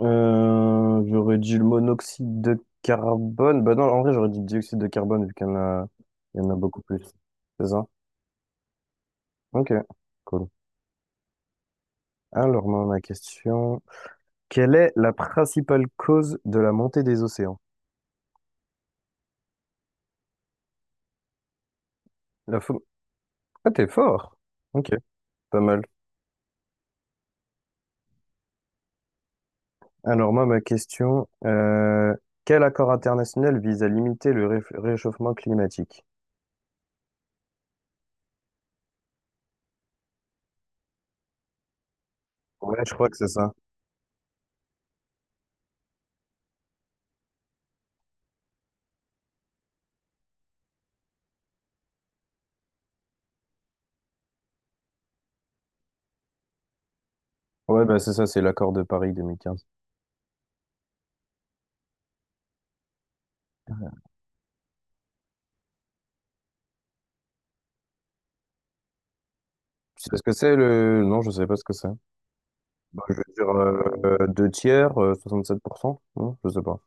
J'aurais dit le monoxyde de carbone. Bah non, en vrai, j'aurais dit le dioxyde de carbone vu qu'il y en a, il y en a beaucoup plus. C'est ça? Ok, cool. Alors, moi, ma question. Quelle est la principale cause de la montée des océans? La faune. Ah, t'es fort! Ok, pas mal. Alors, moi, ma question. Quel accord international vise à limiter le réchauffement climatique? Ouais, je crois que c'est ça. Ouais, bah c'est ça, c'est l'accord de Paris 2015. Tu sais ce que c'est le... Non, je sais pas ce que c'est. Je veux dire, deux tiers, 67%? Non, je sais pas.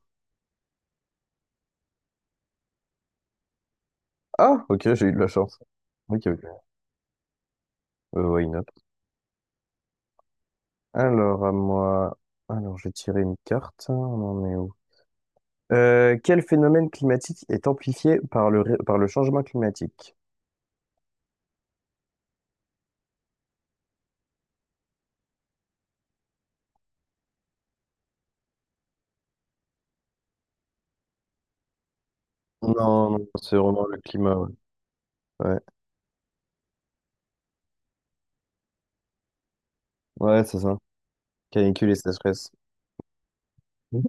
Ah, ok, j'ai eu de la chance. Ok, ok. Why not? Alors, à moi... Alors, j'ai tiré une carte. On en est où? Quel phénomène climatique est amplifié par par le changement climatique? Non, non, c'est vraiment le climat, ouais. Ouais, ouais, c'est ça. Canicule et sécheresse. Mhm.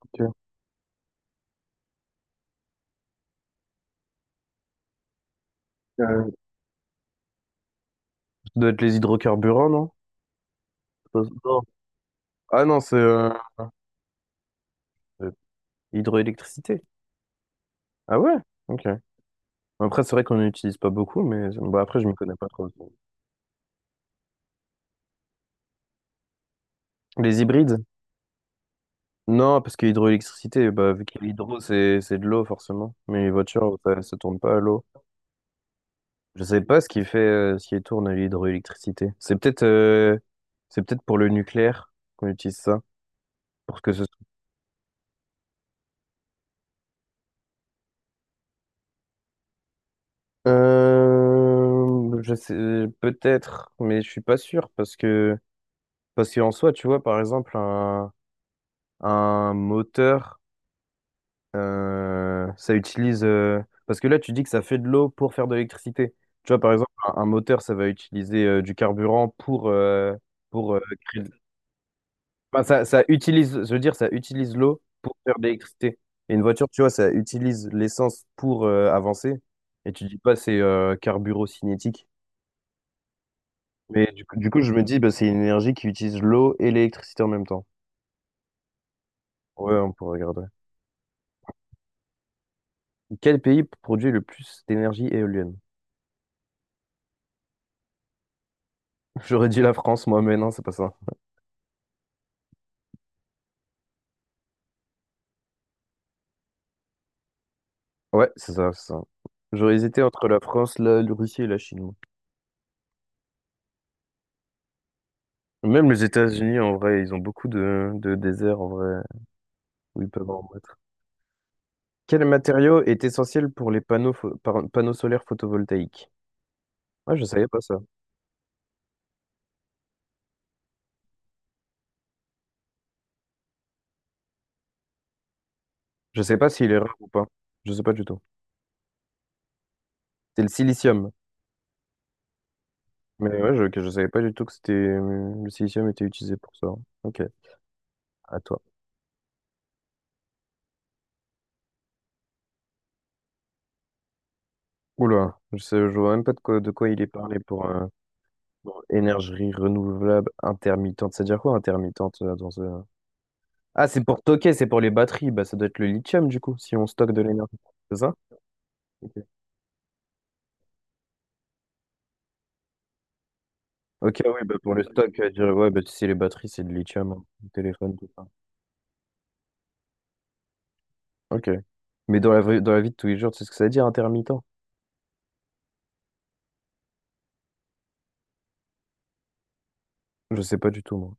Ok. Euh, Ça doit être les hydrocarburants, non? Non. Ah non, c'est hydroélectricité. Ah ouais? Ok. Après, c'est vrai qu'on n'utilise pas beaucoup, mais bah, après, je m'y connais pas trop. Les hybrides? Non, parce que hydroélectricité bah, vu qu'il y a l'hydro, c'est de l'eau, forcément. Mais les voitures, ça tourne pas à l'eau. Je sais pas ce qui fait, ce qui tourne à l'hydroélectricité. C'est peut-être pour le nucléaire qu'on utilise ça. Pour que ce soit... Je sais, peut-être, mais je suis pas sûr parce que, parce qu'en soi, tu vois, par exemple, un moteur. Ça utilise. Parce que là, tu dis que ça fait de l'eau pour faire de l'électricité. Tu vois, par exemple, un moteur, ça va utiliser du carburant pour créer. Enfin, ça utilise, je veux dire, ça utilise l'eau pour faire de l'électricité. Et une voiture, tu vois, ça utilise l'essence pour avancer. Et tu dis pas c'est carburocinétique. Mais du coup, je me dis, bah, c'est une énergie qui utilise l'eau et l'électricité en même temps. Ouais, on pourrait regarder. Quel pays produit le plus d'énergie éolienne? J'aurais dit la France, moi, mais non, c'est pas ça. Ouais, c'est ça, c'est ça. J'aurais hésité entre la France, la, la Russie et la Chine, moi. Même les États-Unis, en vrai, ils ont beaucoup de déserts, en vrai, où ils peuvent en mettre. Quel matériau est essentiel pour les panneaux, panneaux solaires photovoltaïques? Ah, je savais pas ça. Je sais pas s'il est rare ou pas. Je sais pas du tout. C'est le silicium. Mais ouais, je savais pas du tout que c'était, le silicium était utilisé pour ça. Ok, à toi. Oula, je sais, je vois même pas de quoi, de quoi il est parlé pour énergie renouvelable intermittente. Ça veut dire quoi intermittente dans ce... Ah, c'est pour toquer, c'est pour les batteries. Bah, ça doit être le lithium, du coup, si on stocke de l'énergie. C'est ça? Ok. Ok, oui, bah, pour le stock, dire, ouais, bah, tu sais, les batteries, c'est de lithium, hein, le téléphone, tout ça. Ok. Mais dans dans la vie de tous les jours, tu sais ce que ça veut dire, intermittent? Je sais pas du tout, moi.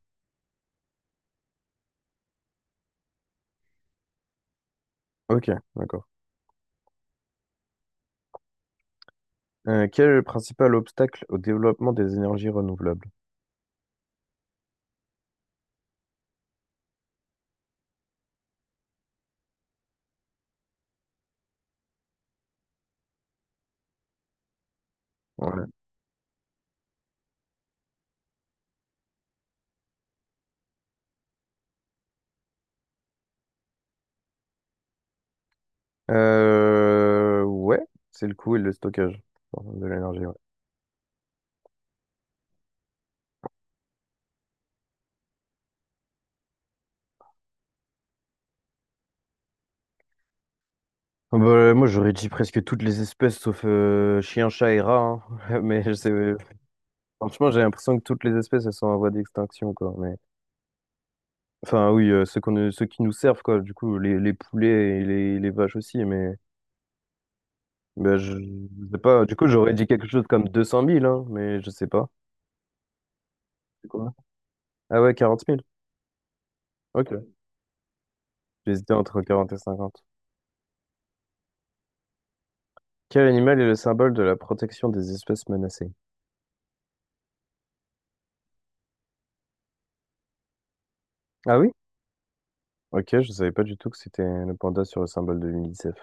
Ok, d'accord. Quel est le principal obstacle au développement des énergies renouvelables? Ouais. Ouais, c'est le coût et le stockage pardon, de l'énergie, ouais. Bah, moi, j'aurais dit presque toutes les espèces sauf chien, chat et rat, hein. Mais je sais, franchement, j'ai l'impression que toutes les espèces, elles sont en voie d'extinction, quoi. Mais... Enfin, oui, ceux qu'on, ceux qui nous servent, quoi. Du coup, les poulets et les vaches aussi, mais... Ben, je sais pas. Du coup, j'aurais dit quelque chose comme 200 000 hein, mais je sais pas. C'est quoi? Ah ouais, 40 000. Ok. J'hésitais entre 40 et 50. Quel animal est le symbole de la protection des espèces menacées? Ah oui? Ok, je savais pas du tout que c'était le panda sur le symbole de l'UNICEF.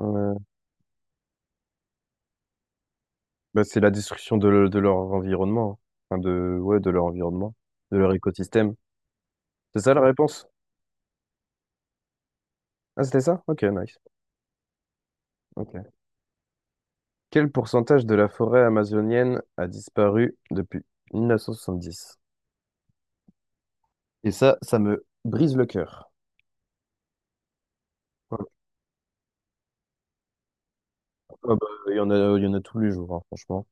Euh, Bah, c'est la destruction de, de leur environnement, hein. Enfin, de, ouais, de leur environnement, de leur écosystème. C'est ça la réponse? Ah, c'était ça? Ok, nice. Ok. Quel pourcentage de la forêt amazonienne a disparu depuis 1970? Et ça me brise le cœur. Ah bah, il y en a, il y en a tous les jours, hein, franchement.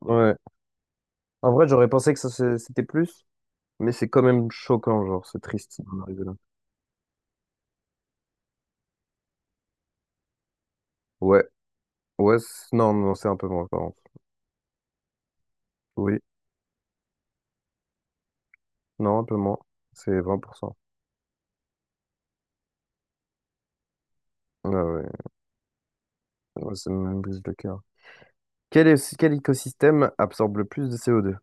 Ouais. En vrai, j'aurais pensé que ça, c'était plus, mais c'est quand même choquant, genre, c'est triste d'en arriver là. Ouais, ouais, non, non, c'est un peu moins, par contre. Oui, non, un peu moins. C'est 20%. Ah ouais. Ouais, ça me brise le cœur. Quel écosystème absorbe le plus de co deux?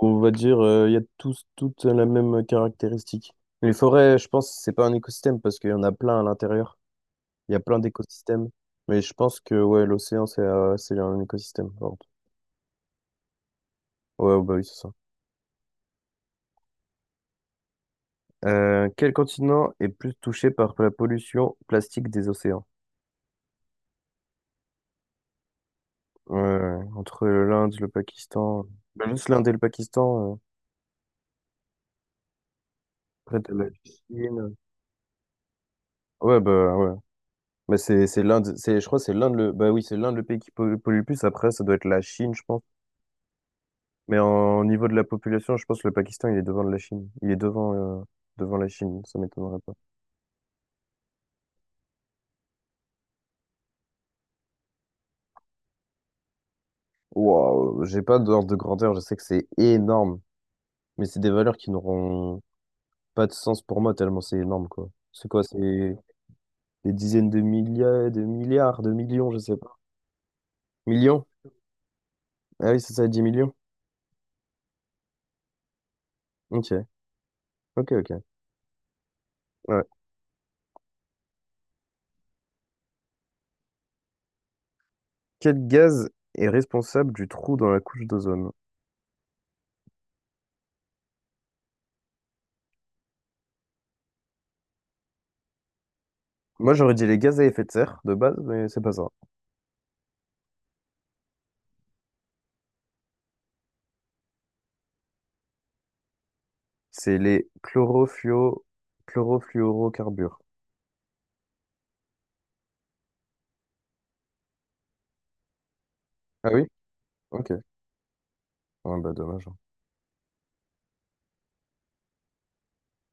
On va dire, il y a toutes la même caractéristique. Les forêts, je pense, c'est pas un écosystème parce qu'il y en a plein à l'intérieur. Il y a plein d'écosystèmes. Mais je pense que ouais, l'océan, c'est un écosystème. Pardon. Ouais, bah oui, c'est ça. Quel continent est plus touché par la pollution plastique des océans? Ouais, ouais, entre l'Inde, le Pakistan, même juste l'Inde et le Pakistan, après t'as la Chine. Ouais, bah ouais. Mais c'est l'Inde, c'est je crois que c'est l'Inde le bah oui, c'est l'Inde le pays qui pollue le plus après ça doit être la Chine, je pense. Mais en au niveau de la population, je pense que le Pakistan, il est devant la Chine. Il est devant euh, devant la Chine, ça m'étonnerait pas. Waouh, j'ai pas d'ordre de grandeur, je sais que c'est énorme, mais c'est des valeurs qui n'auront pas de sens pour moi tellement c'est énorme quoi. C'est quoi, c'est des dizaines de milliards, de milliards, de millions, je sais pas. Millions? Ah oui, c'est ça, 10 millions. Ok, ok, ok. Ouais. Quel gaz est responsable du trou dans la couche d'ozone? Moi, j'aurais dit les gaz à effet de serre de base, mais c'est pas ça. C'est les chlorofluo... chlorofluorocarbures. Ah oui? Ok. Ouais, bah dommage.